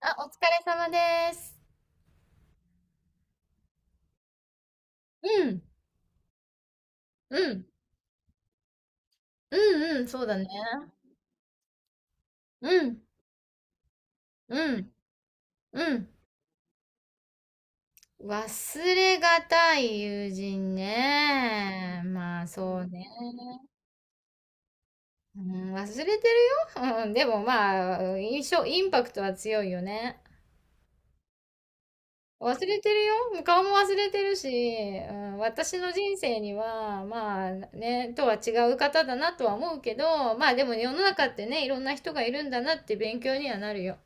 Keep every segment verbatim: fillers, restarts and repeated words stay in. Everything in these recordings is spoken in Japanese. あ、お疲れ様です。うん、うん、うん、うん、そうだね。うん、うん、うん。忘れがたい友人ね。まあ、そうね。うん、忘れてるよ。うん、でもまあ、印象、インパクトは強いよね。忘れてるよ。顔も忘れてるし、うん、私の人生には、まあね、とは違う方だなとは思うけど、まあでも世の中ってね、いろんな人がいるんだなって勉強にはなるよ。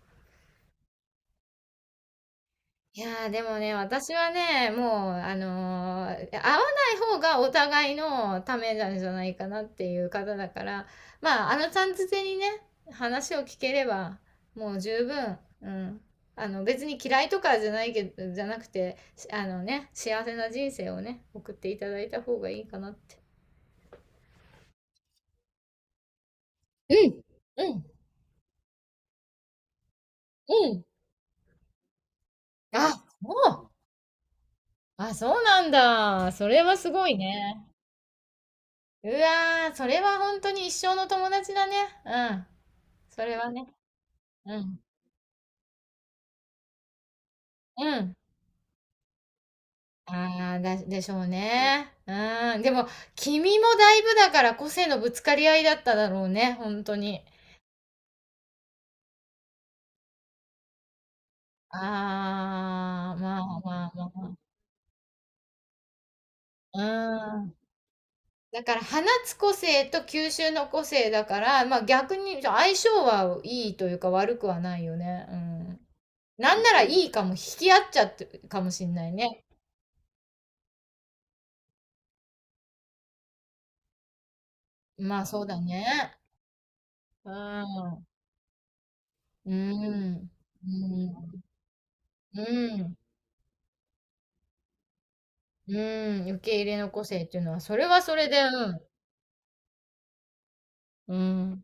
いやーでもね、私はね、もう、あのー会わない方がお互いのためなんじゃないかなっていう方だから、まあ、あのちゃんづてにね、話を聞ければ、もう十分、うん。あの、別に嫌いとかじゃないけど、じゃなくて、し、あのね、幸せな人生をね、送っていただいた方がいいかなって。うん、うん、うん。あ、そう。あ、そうなんだ。それはすごいね。うわー、それは本当に一生の友達だね。うん。それはね、うん、うん。ああ、だ、でしょうね。うん、でも、君もだいぶだから個性のぶつかり合いだっただろうね、本当に。ああ、まあまあまあ。うん。だから放つ個性と吸収の個性だから、まあ逆に相性はいいというか悪くはないよね。うん。なんならいいかも、引き合っちゃってるかもしんないね。まあそうだね。うん。うん。うーん。うーん。うん、受け入れの個性っていうのは、それはそれで、うん。うん。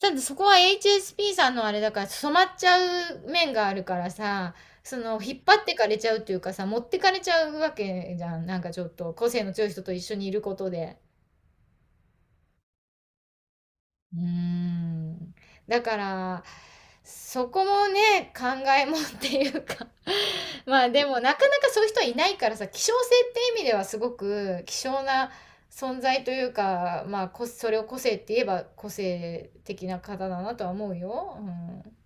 ただそこは エイチエスピー さんのあれだから、染まっちゃう面があるからさ、その、引っ張ってかれちゃうっていうかさ、持ってかれちゃうわけじゃん。なんかちょっと、個性の強い人と一緒にいることで。うーん。だから、そこもね、考えもんっていうか まあでもなかなかそういう人はいないからさ、希少性って意味ではすごく希少な存在というか、まあこ、それを個性って言えば個性的な方だなとは思うよ。うん。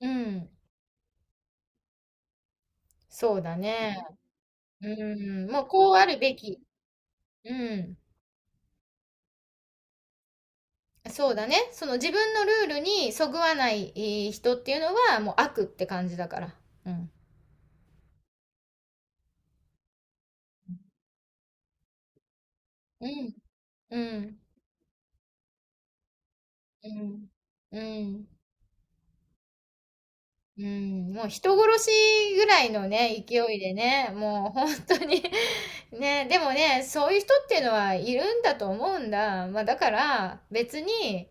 うん。そうだね。うん。もうこうあるべき。うん。そうだね。その自分のルールにそぐわないえー人っていうのはもう悪って感じだから。うん。うん。うん、うん、うん、うん、もう人殺しぐらいのね、勢いでね、もう本当に ね、でもね、そういう人っていうのはいるんだと思うんだ。まあだから別に、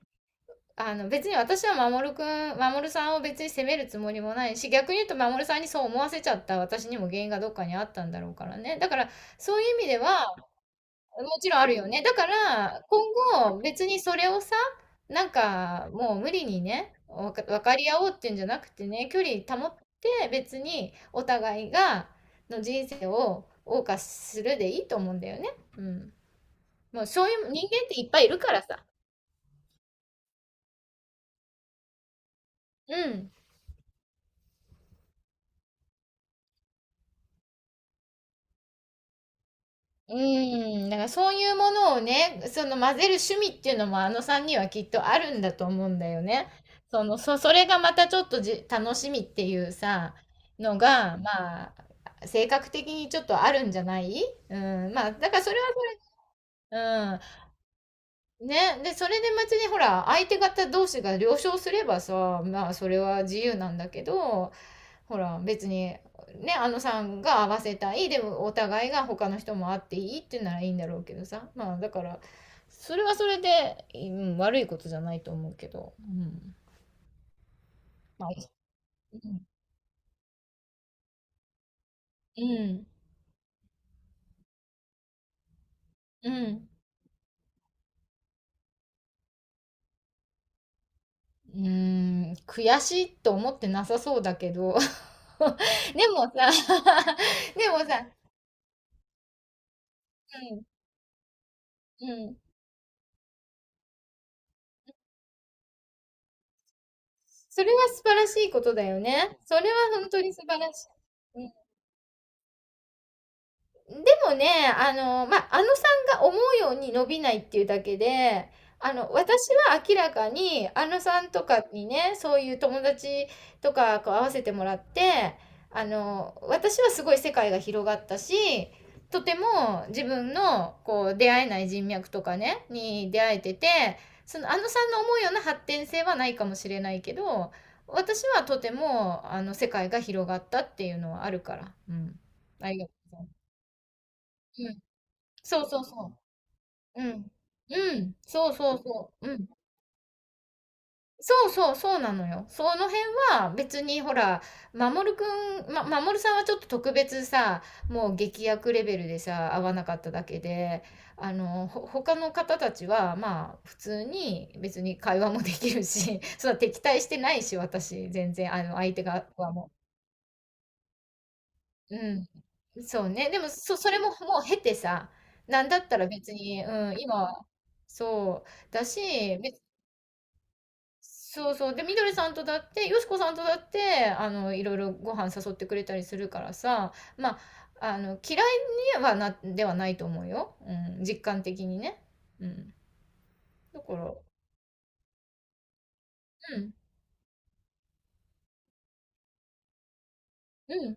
あの別に私は守くん、守さんを別に責めるつもりもないし、逆に言うと守さんにそう思わせちゃった私にも原因がどっかにあったんだろうからね。だからそういう意味では、もちろんあるよね。だから、今後別にそれをさ、なんかもう無理にね、わか、分かり合おうっていうんじゃなくてね、距離保って別にお互いがの人生を謳歌するでいいと思うんだよね。うん。もうそういう人間っていっぱいいるからさ。うん。うーん、だからそういうものをね、その混ぜる趣味っていうのもあのさんにはきっとあるんだと思うんだよね。その、そ、それがまたちょっとじ、楽しみっていうさ、のが、まあ、性格的にちょっとあるんじゃない。うん、まあ、だからそれはそれ、うん、ね、で、それで別にほら、相手方同士が了承すればさ、まあ、それは自由なんだけど、ほら別にね、あのさんが合わせたい、でもお互いが他の人も会っていいっていうならいいんだろうけどさ、まあ、だからそれはそれで、うん、悪いことじゃないと思うけど、うん、まあ、うん、うん、うん、うん、悔しいと思ってなさそうだけど でもさ でもさ、うん、うん、それは素晴らしいことだよね。それは本当に素晴らしい。でもね、あの、ま、あ、あのさんが思うように伸びないっていうだけで、あの、私は明らかに、あのさんとかにね、そういう友達とかこう合わせてもらって、あの、私はすごい世界が広がったし、とても自分のこう出会えない人脈とかね、に出会えてて、そのあのさんの思うような発展性はないかもしれないけど、私はとてもあの世界が広がったっていうのはあるから。うん。ありがとうございます。そうそうそう。うん。うん。そうそうそう。うん。そうそうそうなのよ。その辺は別にほら、まもるくん、ま、まもるさんはちょっと特別さ、もう劇薬レベルでさ、合わなかっただけで、あの、ほ、他の方たちは、まあ、普通に別に会話もできるし、そう、敵対してないし、私、全然、あの、相手側はもう。うん。そうね。でも、そ、それももう経てさ、なんだったら別に、うん、今、そう、だし、別、そうそう。で、みどりさんとだって、よしこさんとだって、あの、いろいろご飯誘ってくれたりするからさ、まあ、あの、嫌いにはな、ではないと思うよ。うん、実感的にね。うん。だから、うん、うん。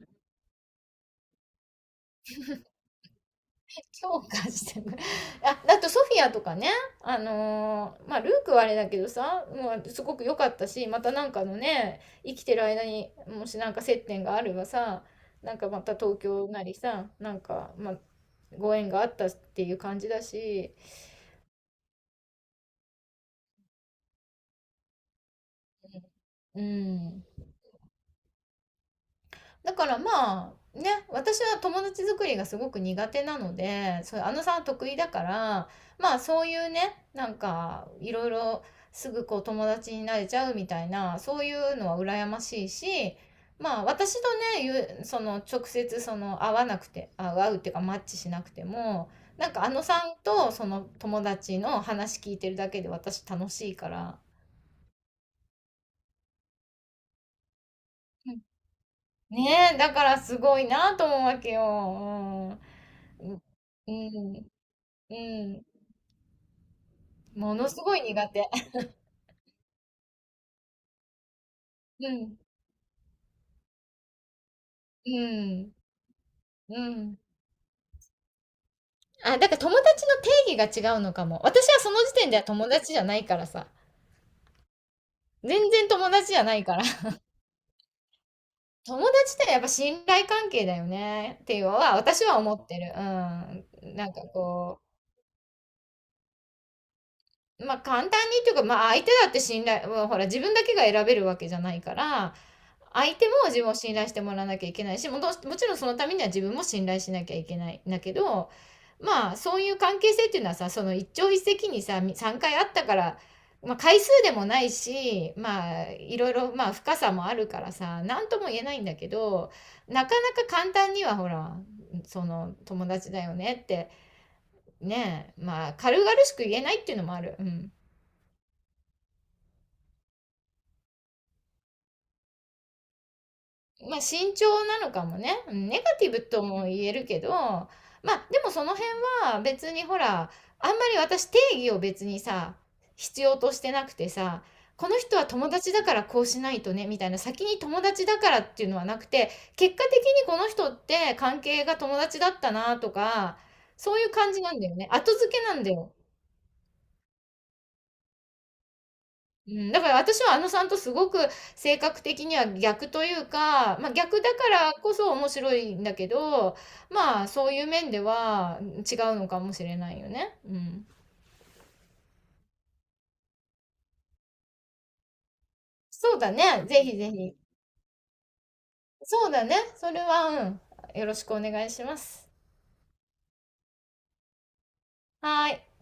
強化してくれ あ、だとソフィアとかね、あのーまあルークはあれだけどさ、もうすごく良かったし、またなんかのね、生きてる間にもしなんか接点があればさ、なんかまた東京なりさ、なんか、まあ、ご縁があったっていう感じだし、うん、だからまあね、私は友達作りがすごく苦手なので、そうあのさんは得意だから、まあそういうね、なんかいろいろすぐこう友達になれちゃうみたいな、そういうのは羨ましいし、まあ私とね、ゆその直接その会わなくてあ会うっていうかマッチしなくても、なんかあのさんとその友達の話聞いてるだけで私楽しいから。うん、ねえ、だからすごいなと思うわけよ。うん、うん、うん、うん。ものすごい苦手。うん、うん、うん。あ、だから友達の定義が違うのかも。私はその時点では友達じゃないからさ。全然友達じゃないから。友達ってやっぱ信頼関係だよねっていうのは私は思ってる。うん。なんかこう、まあ簡単にっていうか、まあ相手だって信頼、もうほら自分だけが選べるわけじゃないから、相手も自分を信頼してもらわなきゃいけないし、もどもちろんそのためには自分も信頼しなきゃいけないんだけど、まあそういう関係性っていうのはさ、その一朝一夕にささんかいあったから、まあ、回数でもないし、まあいろいろ、まあ深さもあるからさ、何とも言えないんだけど、なかなか簡単にはほら、その友達だよねってね、まあ軽々しく言えないっていうのもある。うん、まあ、慎重なのかもね。うん、ネガティブとも言えるけど、まあ、でもその辺は別にほら、あんまり私定義を別にさ、必要としてなくてさ、この人は友達だからこうしないとね、みたいな、先に友達だからっていうのはなくて、結果的にこの人って関係が友達だったなとか、そういう感じなんだよね。後付けなんだよ。うん、だから私はあのさんとすごく性格的には逆というか、まあ、逆だからこそ面白いんだけど、まあそういう面では違うのかもしれないよね。うん。そうだね。ぜひぜひ。そうだね。それは、うん。よろしくお願いします。はーい。